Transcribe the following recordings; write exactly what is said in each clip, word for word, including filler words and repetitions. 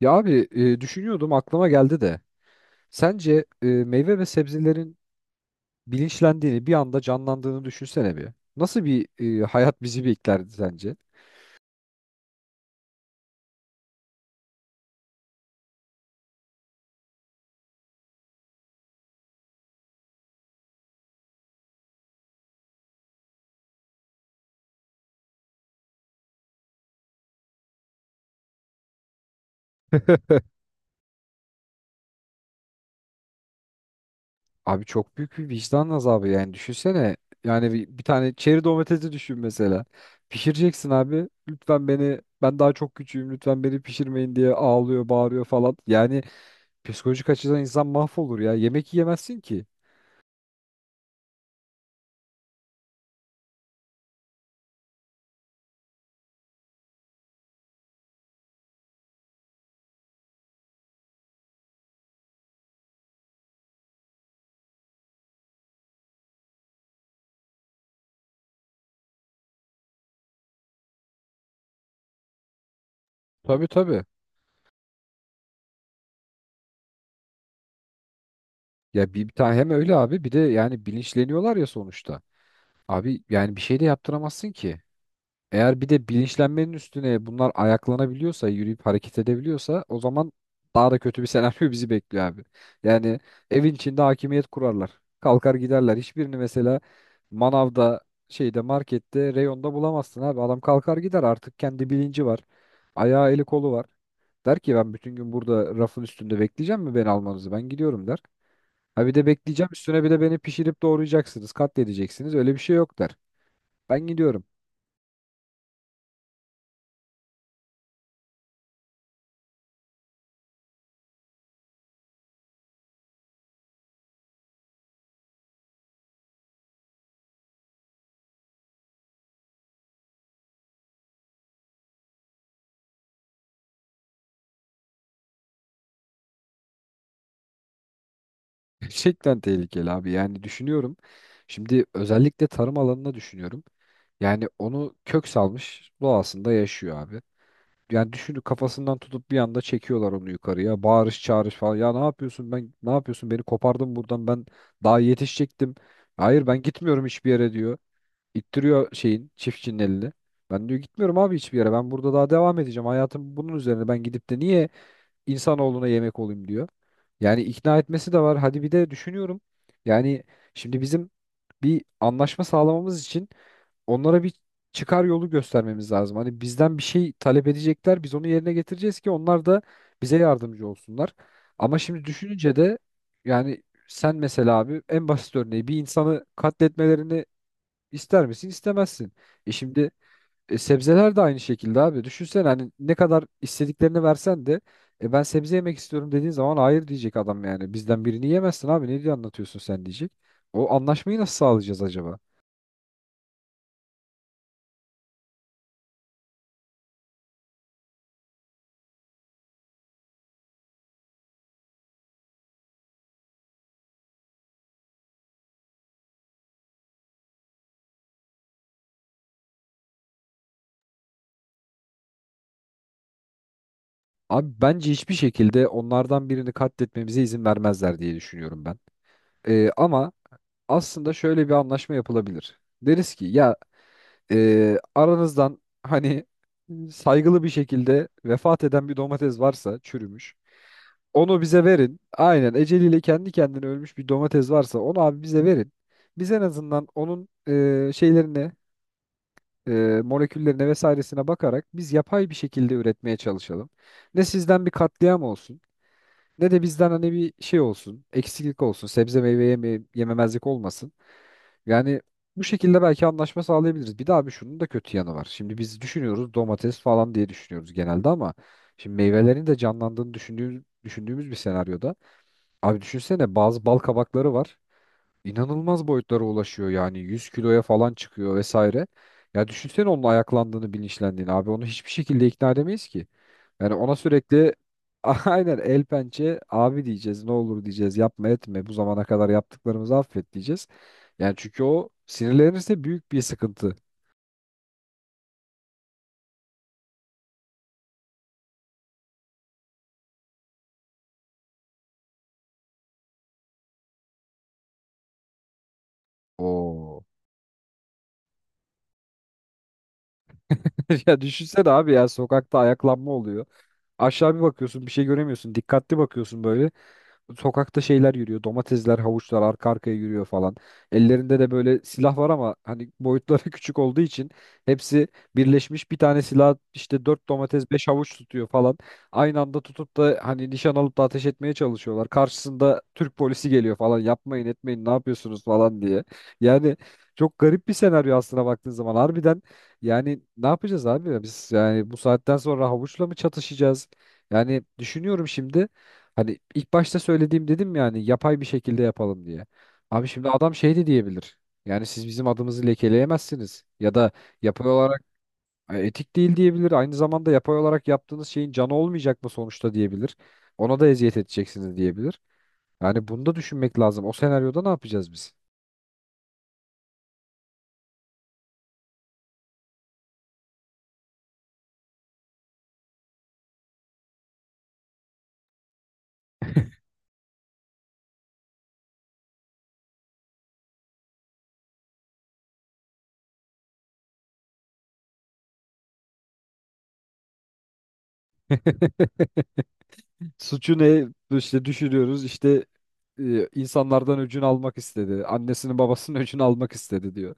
Ya abi e, düşünüyordum aklıma geldi de. Sence e, meyve ve sebzelerin bilinçlendiğini bir anda canlandığını düşünsene bir. Nasıl bir e, hayat bizi beklerdi sence? Abi çok büyük bir vicdan azabı yani düşünsene. Yani bir, bir tane çeri domatesi düşün mesela. Pişireceksin abi. Lütfen beni ben daha çok küçüğüm lütfen beni pişirmeyin diye ağlıyor bağırıyor falan. Yani psikolojik açıdan insan mahvolur ya. Yemek yiyemezsin ki. Tabii tabii. Ya bir, bir tane hem öyle abi bir de yani bilinçleniyorlar ya sonuçta. Abi yani bir şey de yaptıramazsın ki. Eğer bir de bilinçlenmenin üstüne bunlar ayaklanabiliyorsa, yürüyüp hareket edebiliyorsa o zaman daha da kötü bir senaryo bizi bekliyor abi. Yani evin içinde hakimiyet kurarlar. Kalkar giderler. Hiçbirini mesela manavda, şeyde, markette, reyonda bulamazsın abi. Adam kalkar gider artık kendi bilinci var. Ayağı eli kolu var. Der ki ben bütün gün burada rafın üstünde bekleyeceğim mi beni almanızı? Ben gidiyorum der. Ha bir de bekleyeceğim üstüne bir de beni pişirip doğrayacaksınız, katledeceksiniz. Öyle bir şey yok der. Ben gidiyorum. Gerçekten tehlikeli abi. Yani düşünüyorum. Şimdi özellikle tarım alanına düşünüyorum. Yani onu kök salmış doğasında yaşıyor abi. Yani düşünün kafasından tutup bir anda çekiyorlar onu yukarıya. Bağırış çağırış falan. Ya ne yapıyorsun ben ne yapıyorsun beni kopardın buradan ben daha yetişecektim. Hayır ben gitmiyorum hiçbir yere diyor. İttiriyor şeyin çiftçinin elini. Ben diyor gitmiyorum abi hiçbir yere. Ben burada daha devam edeceğim. Hayatım bunun üzerine. Ben gidip de niye insanoğluna yemek olayım diyor. Yani ikna etmesi de var. Hadi bir de düşünüyorum. Yani şimdi bizim bir anlaşma sağlamamız için onlara bir çıkar yolu göstermemiz lazım. Hani bizden bir şey talep edecekler. Biz onu yerine getireceğiz ki onlar da bize yardımcı olsunlar. Ama şimdi düşününce de yani sen mesela abi en basit örneği bir insanı katletmelerini İster misin? İstemezsin. E şimdi e, sebzeler de aynı şekilde abi. Düşünsene hani ne kadar istediklerini versen de e, ben sebze yemek istiyorum dediğin zaman hayır diyecek adam yani. Bizden birini yemezsin abi. Ne diye anlatıyorsun sen diyecek. O anlaşmayı nasıl sağlayacağız acaba? Abi bence hiçbir şekilde onlardan birini katletmemize izin vermezler diye düşünüyorum ben. E, ama aslında şöyle bir anlaşma yapılabilir. Deriz ki ya e, aranızdan hani saygılı bir şekilde vefat eden bir domates varsa çürümüş. Onu bize verin. Aynen eceliyle kendi kendine ölmüş bir domates varsa onu abi bize verin. Biz en azından onun e, şeylerine, e, moleküllerine vesairesine bakarak biz yapay bir şekilde üretmeye çalışalım. Ne sizden bir katliam olsun, ne de bizden hani bir şey olsun, eksiklik olsun, sebze meyve yeme yememezlik olmasın. Yani bu şekilde belki anlaşma sağlayabiliriz. Bir de abi şunun da kötü yanı var. Şimdi biz düşünüyoruz domates falan diye düşünüyoruz genelde ama şimdi meyvelerin de canlandığını düşündüğümüz, düşündüğümüz bir senaryoda. Abi düşünsene bazı bal kabakları var inanılmaz boyutlara ulaşıyor yani yüz kiloya falan çıkıyor vesaire. Ya düşünsene onun ayaklandığını bilinçlendiğini abi onu hiçbir şekilde ikna edemeyiz ki. Yani ona sürekli aynen el pençe abi diyeceğiz ne olur diyeceğiz yapma etme bu zamana kadar yaptıklarımızı affet diyeceğiz. Yani çünkü o sinirlenirse büyük bir sıkıntı. Oo. Ya düşünsene abi ya sokakta ayaklanma oluyor. Aşağı bir bakıyorsun bir şey göremiyorsun. Dikkatli bakıyorsun böyle. Sokakta şeyler yürüyor. Domatesler, havuçlar arka arkaya yürüyor falan. Ellerinde de böyle silah var ama hani boyutları küçük olduğu için hepsi birleşmiş bir tane silah işte dört domates beş havuç tutuyor falan. Aynı anda tutup da hani nişan alıp da ateş etmeye çalışıyorlar. Karşısında Türk polisi geliyor falan. Yapmayın etmeyin ne yapıyorsunuz falan diye. Yani çok garip bir senaryo aslına baktığın zaman. Harbiden yani ne yapacağız abi? Biz yani bu saatten sonra havuçla mı çatışacağız? Yani düşünüyorum şimdi hani ilk başta söylediğim dedim yani yapay bir şekilde yapalım diye. Abi şimdi adam şey de diyebilir. Yani siz bizim adımızı lekeleyemezsiniz ya da yapay olarak e, etik değil diyebilir. Aynı zamanda yapay olarak yaptığınız şeyin canı olmayacak mı sonuçta diyebilir. Ona da eziyet edeceksiniz diyebilir. Yani bunu da düşünmek lazım. O senaryoda ne yapacağız biz? Suçu ne? İşte düşürüyoruz. İşte e, insanlardan öcünü almak istedi. Annesinin babasının öcünü almak istedi diyor.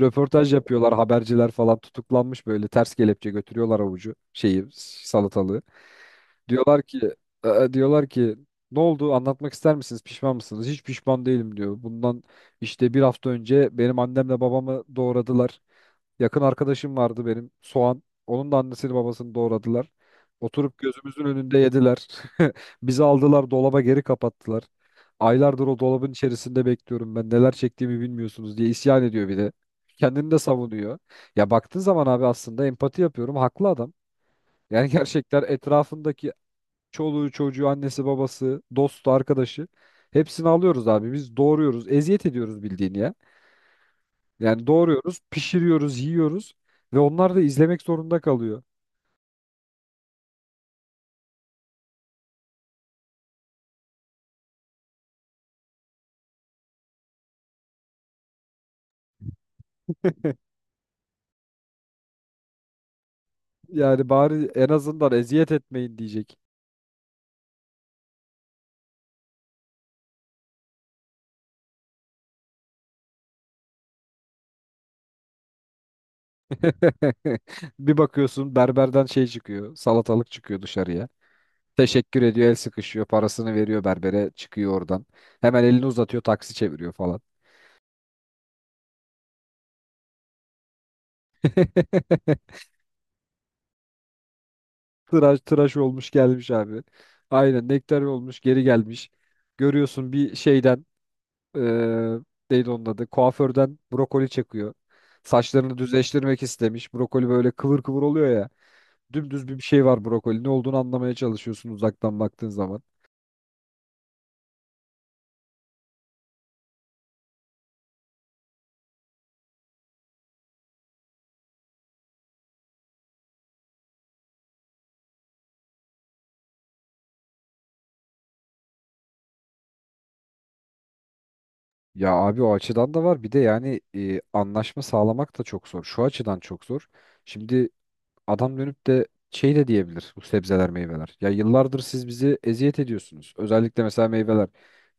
Röportaj yapıyorlar. Haberciler falan tutuklanmış böyle ters kelepçe götürüyorlar avucu şeyi salatalığı. Diyorlar ki e, diyorlar ki ne oldu? Anlatmak ister misiniz? Pişman mısınız? Hiç pişman değilim diyor. Bundan işte bir hafta önce benim annemle babamı doğradılar. Yakın arkadaşım vardı benim Soğan. Onun da annesini babasını doğradılar. Oturup gözümüzün önünde yediler. Bizi aldılar dolaba geri kapattılar. Aylardır o dolabın içerisinde bekliyorum ben neler çektiğimi bilmiyorsunuz diye isyan ediyor bir de. Kendini de savunuyor. Ya baktığın zaman abi aslında empati yapıyorum. Haklı adam. Yani gerçekten etrafındaki çoluğu çocuğu annesi babası dostu arkadaşı hepsini alıyoruz abi. Biz doğuruyoruz eziyet ediyoruz bildiğini ya. Yani doğruyoruz, pişiriyoruz, yiyoruz ve onlar da izlemek zorunda kalıyor. Yani bari en azından eziyet etmeyin diyecek. Bir bakıyorsun berberden şey çıkıyor, salatalık çıkıyor dışarıya. Teşekkür ediyor, el sıkışıyor, parasını veriyor berbere, çıkıyor oradan. Hemen elini uzatıyor, taksi çeviriyor falan. Tıraş tıraş olmuş gelmiş abi. Aynen nektar olmuş geri gelmiş. Görüyorsun bir şeyden eee neydi onun adı? Kuaförden brokoli çekiyor. Saçlarını düzleştirmek istemiş. Brokoli böyle kıvır kıvır oluyor ya. Dümdüz bir şey var brokoli. Ne olduğunu anlamaya çalışıyorsun uzaktan baktığın zaman. Ya abi o açıdan da var. Bir de yani e, anlaşma sağlamak da çok zor. Şu açıdan çok zor. Şimdi adam dönüp de şey de diyebilir bu sebzeler meyveler. Ya yıllardır siz bizi eziyet ediyorsunuz. Özellikle mesela meyveler.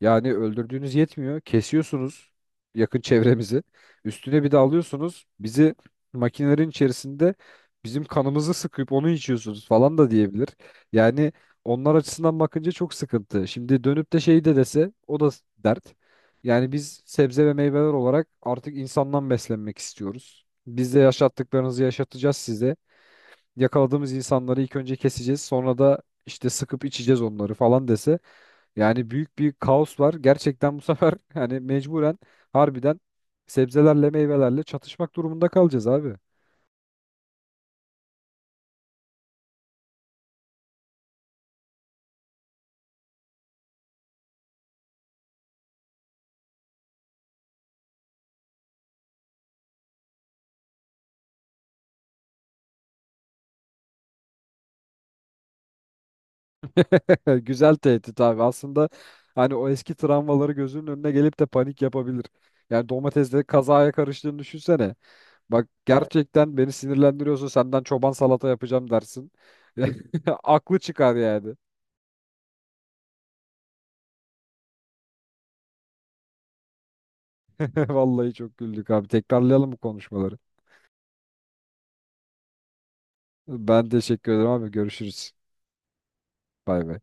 Yani öldürdüğünüz yetmiyor. Kesiyorsunuz yakın çevremizi. Üstüne bir de alıyorsunuz bizi makinelerin içerisinde bizim kanımızı sıkıp onu içiyorsunuz falan da diyebilir. Yani onlar açısından bakınca çok sıkıntı. Şimdi dönüp de şey de dese o da dert. Yani biz sebze ve meyveler olarak artık insandan beslenmek istiyoruz. Biz de yaşattıklarınızı yaşatacağız size yakaladığımız insanları ilk önce keseceğiz. Sonra da işte sıkıp içeceğiz onları falan dese. Yani büyük bir kaos var. Gerçekten bu sefer hani mecburen harbiden sebzelerle meyvelerle çatışmak durumunda kalacağız abi. Güzel tehdit abi. Aslında hani o eski travmaları gözünün önüne gelip de panik yapabilir. Yani domatesle kazaya karıştığını düşünsene. Bak, evet. Gerçekten beni sinirlendiriyorsa senden çoban salata yapacağım dersin. Aklı çıkar yani. Vallahi çok güldük abi. Tekrarlayalım bu konuşmaları. Ben teşekkür ederim abi. Görüşürüz. Bay bay.